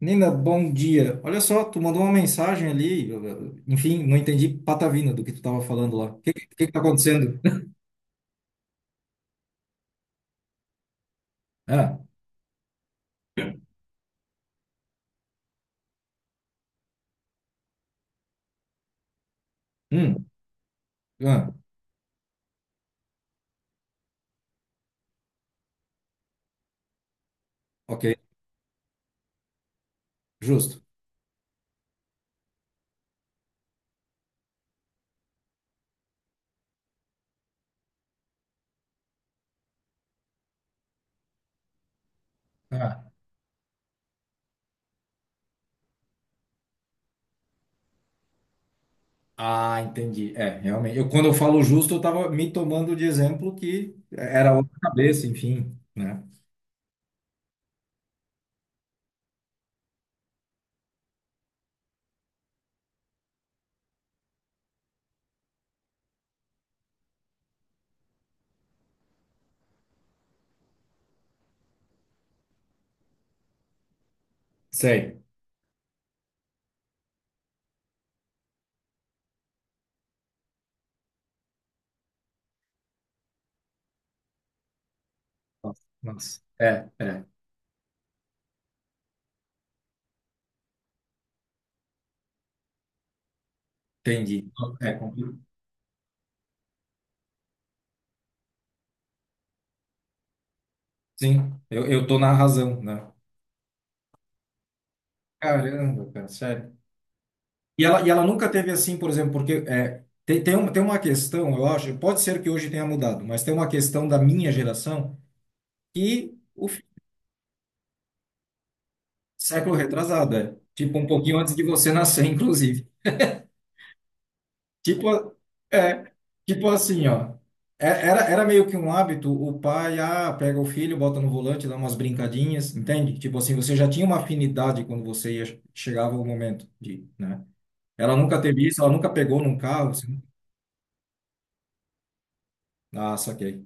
Nina, bom dia. Olha só, tu mandou uma mensagem ali, enfim, não entendi patavina do que tu estava falando lá. O que que tá acontecendo? Ah, hum, ah, ok, justo. Ah, ah, entendi. É, realmente. Quando eu falo justo, eu estava me tomando de exemplo que era outra cabeça, enfim, né? Sei. Nossa, nossa. É, entendi. É, sim, eu tô na razão, né? Caramba, cara, sério. E ela nunca teve assim, por exemplo, porque é, tem uma questão, eu acho, pode ser que hoje tenha mudado, mas tem uma questão da minha geração, que o fi- século retrasado, é, tipo um pouquinho antes de você nascer, inclusive. Tipo, a- é, tipo assim, ó, era meio que um hábito, o pai, pega o filho, bota no volante, dá umas brincadinhas, entende? Tipo assim, você já tinha uma afinidade quando você ia, chegava o momento de, né? Ela nunca teve isso, ela nunca pegou num carro, assim. Ah, saquei.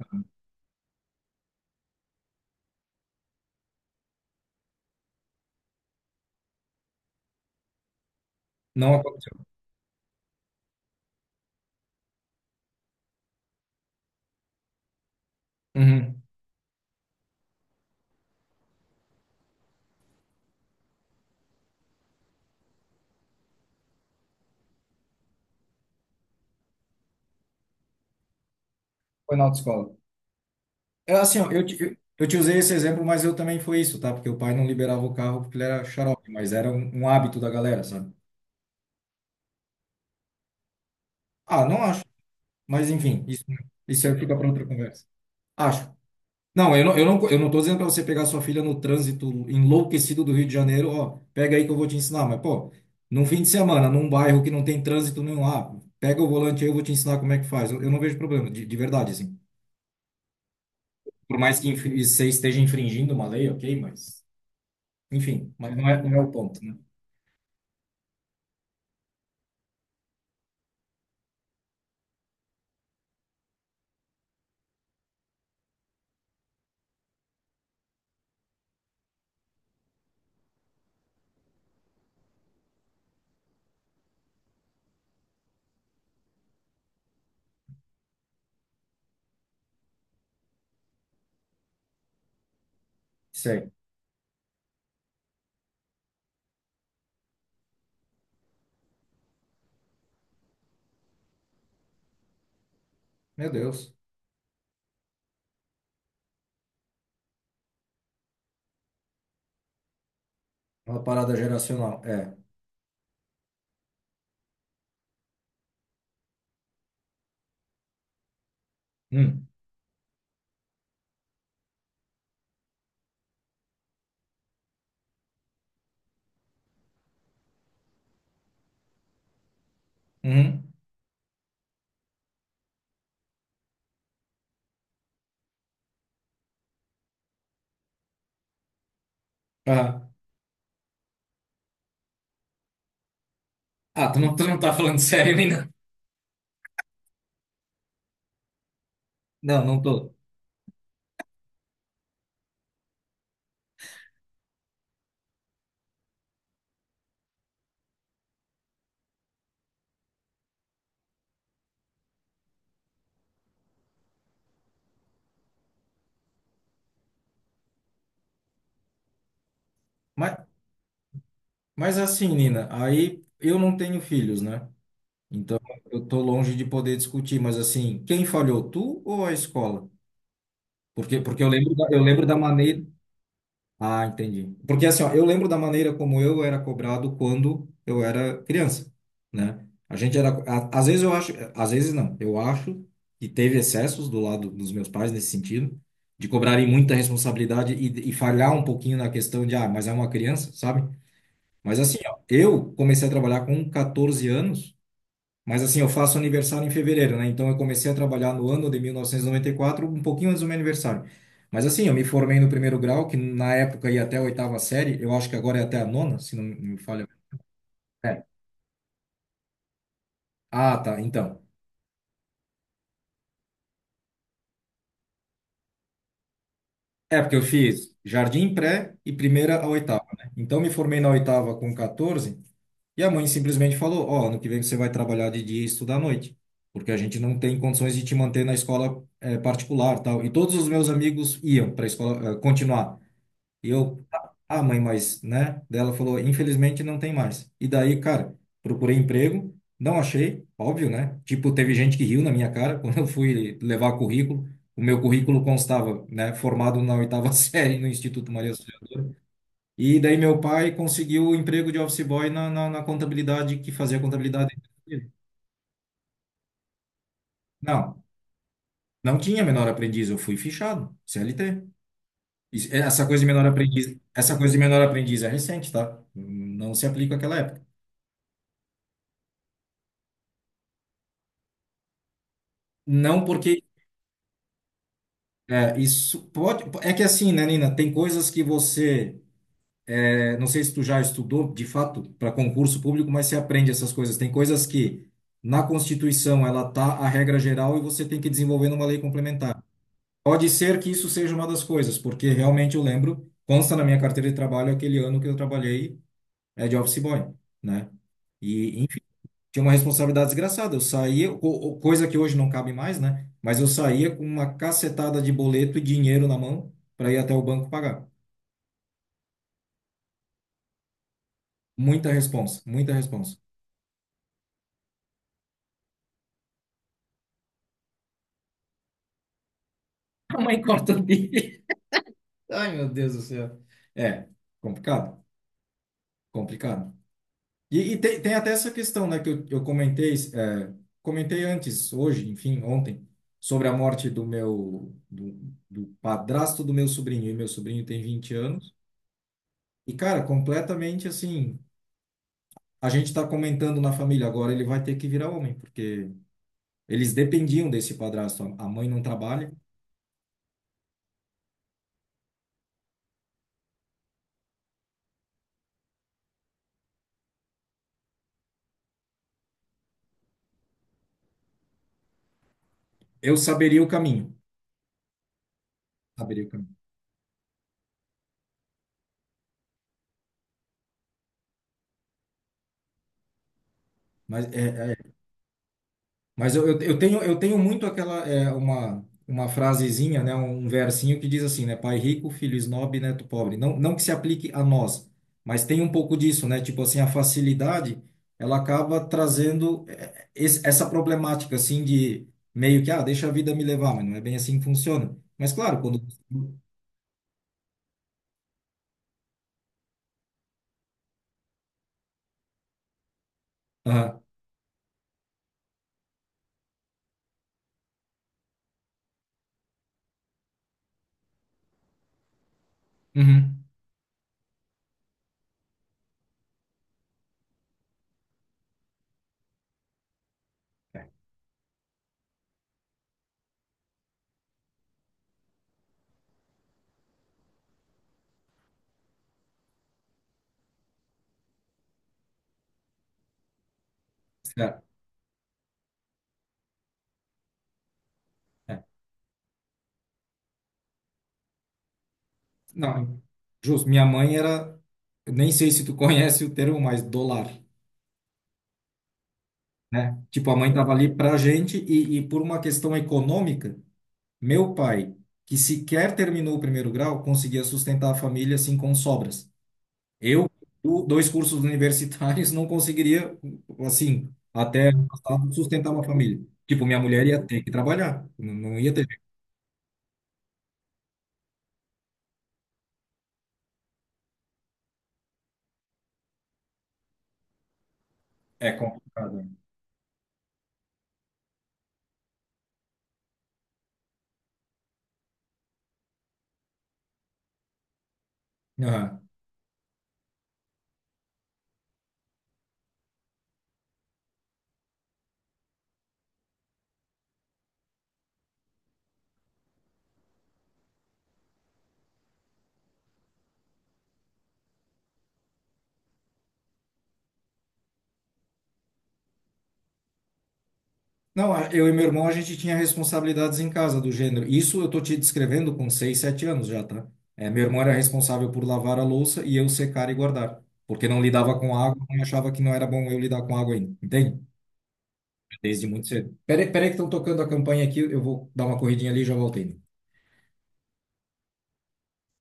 Não aconteceu. Uhum. Foi na autoescola. É assim, ó, eu te usei esse exemplo, mas eu também foi isso, tá? Porque o pai não liberava o carro porque ele era xarope, mas era um hábito da galera, sabe? Ah, não acho. Mas enfim, isso aí fica para outra conversa. Acho. Não, eu não tô dizendo para você pegar sua filha no trânsito enlouquecido do Rio de Janeiro, ó, pega aí que eu vou te ensinar, mas pô, num fim de semana, num bairro que não tem trânsito nenhum lá, pega o volante aí, eu vou te ensinar como é que faz. Eu não vejo problema, de verdade, assim. Por mais que você esteja infringindo uma lei, ok, mas. Enfim, mas não é o ponto, né? Sei. Meu Deus. É uma parada geracional. É. Hum, uhum. Ah, ah, tu não tá falando sério, Nina? Não, não tô. Mas, mas assim, Nina, aí eu não tenho filhos, né? Então eu tô longe de poder discutir, mas assim, quem falhou, tu ou a escola? Porque eu lembro da maneira. Ah, entendi. Porque assim, ó, eu lembro da maneira como eu era cobrado quando eu era criança, né? A gente era, a- Às vezes eu acho, às vezes não, eu acho que teve excessos do lado dos meus pais nesse sentido, de cobrarem muita responsabilidade e falhar um pouquinho na questão de, ah, mas é uma criança, sabe? Mas assim, ó, eu comecei a trabalhar com 14 anos, mas assim, eu faço aniversário em fevereiro, né? Então eu comecei a trabalhar no ano de 1994, um pouquinho antes do meu aniversário. Mas assim, eu me formei no primeiro grau, que na época ia até a oitava série, eu acho que agora é até a nona, se não me falha. É. Ah, tá, então. É, porque eu fiz jardim pré e primeira a oitava, né? Então me formei na oitava com 14, e a mãe simplesmente falou: ó, ano que vem você vai trabalhar de dia e estudar à noite, porque a gente não tem condições de te manter na escola particular, tal. E todos os meus amigos iam para a escola continuar. E eu, ah, ah, mãe, mas, né? Daí ela falou, infelizmente não tem mais. E daí, cara, procurei emprego, não achei, óbvio, né? Tipo, teve gente que riu na minha cara quando eu fui levar currículo. O meu currículo constava, né, formado na oitava série no Instituto Maria Auxílio. E daí meu pai conseguiu o emprego de office boy na contabilidade, que fazia contabilidade dele. Não, não tinha menor aprendiz, eu fui fichado, CLT. Essa coisa de menor aprendiz, essa coisa de menor aprendiz é recente, tá? Não se aplica àquela época. Não, porque é, isso pode. É que assim, né, Nina? Tem coisas que você. Não sei se tu já estudou, de fato, para concurso público, mas você aprende essas coisas. Tem coisas que na Constituição ela tá a regra geral e você tem que desenvolver numa lei complementar. Pode ser que isso seja uma das coisas, porque realmente eu lembro, consta na minha carteira de trabalho aquele ano que eu trabalhei, de office boy, né? E tinha uma responsabilidade desgraçada. Eu saía, coisa que hoje não cabe mais, né? Mas eu saía com uma cacetada de boleto e dinheiro na mão para ir até o banco pagar. Muita responsa, muita responsa. A mãe corta o bico. Ai, meu Deus do céu. É, complicado, complicado. E tem até essa questão, né, que eu comentei, comentei antes, hoje, enfim, ontem, sobre a morte do meu, do padrasto do meu sobrinho, e meu sobrinho tem 20 anos, e, cara, completamente, assim, a gente está comentando na família, agora ele vai ter que virar homem, porque eles dependiam desse padrasto. A mãe não trabalha. Eu saberia o caminho. Saberia o caminho. Mas, é, é, mas eu tenho muito aquela, uma frasezinha, né, um versinho que diz assim, né, pai rico, filho esnobe, neto pobre. Não, não que se aplique a nós, mas tem um pouco disso, né? Tipo assim, a facilidade, ela acaba trazendo essa problemática, assim, de meio que, ah, deixa a vida me levar, mas não é bem assim que funciona. Mas claro, quando. Aham, uhum. É, certo. É. Não, justo. Minha mãe era, eu nem sei se tu conhece o termo, mas dólar, né? Tipo, a mãe tava ali pra gente e por uma questão econômica, meu pai, que sequer terminou o primeiro grau, conseguia sustentar a família assim com sobras. Eu, dois cursos universitários, não conseguiria, assim, até ano passado, sustentar uma família. Tipo, minha mulher ia ter que trabalhar, não, não ia ter jeito. É complicado, né? Não, eu e meu irmão, a gente tinha responsabilidades em casa do gênero. Isso eu tô te descrevendo com 6, 7 anos já, tá? É, meu irmão era responsável por lavar a louça e eu secar e guardar. Porque não lidava com água e achava que não era bom eu lidar com água ainda. Entende? Desde muito cedo. Peraí, peraí que estão tocando a campanha aqui, eu vou dar uma corridinha ali e já voltei.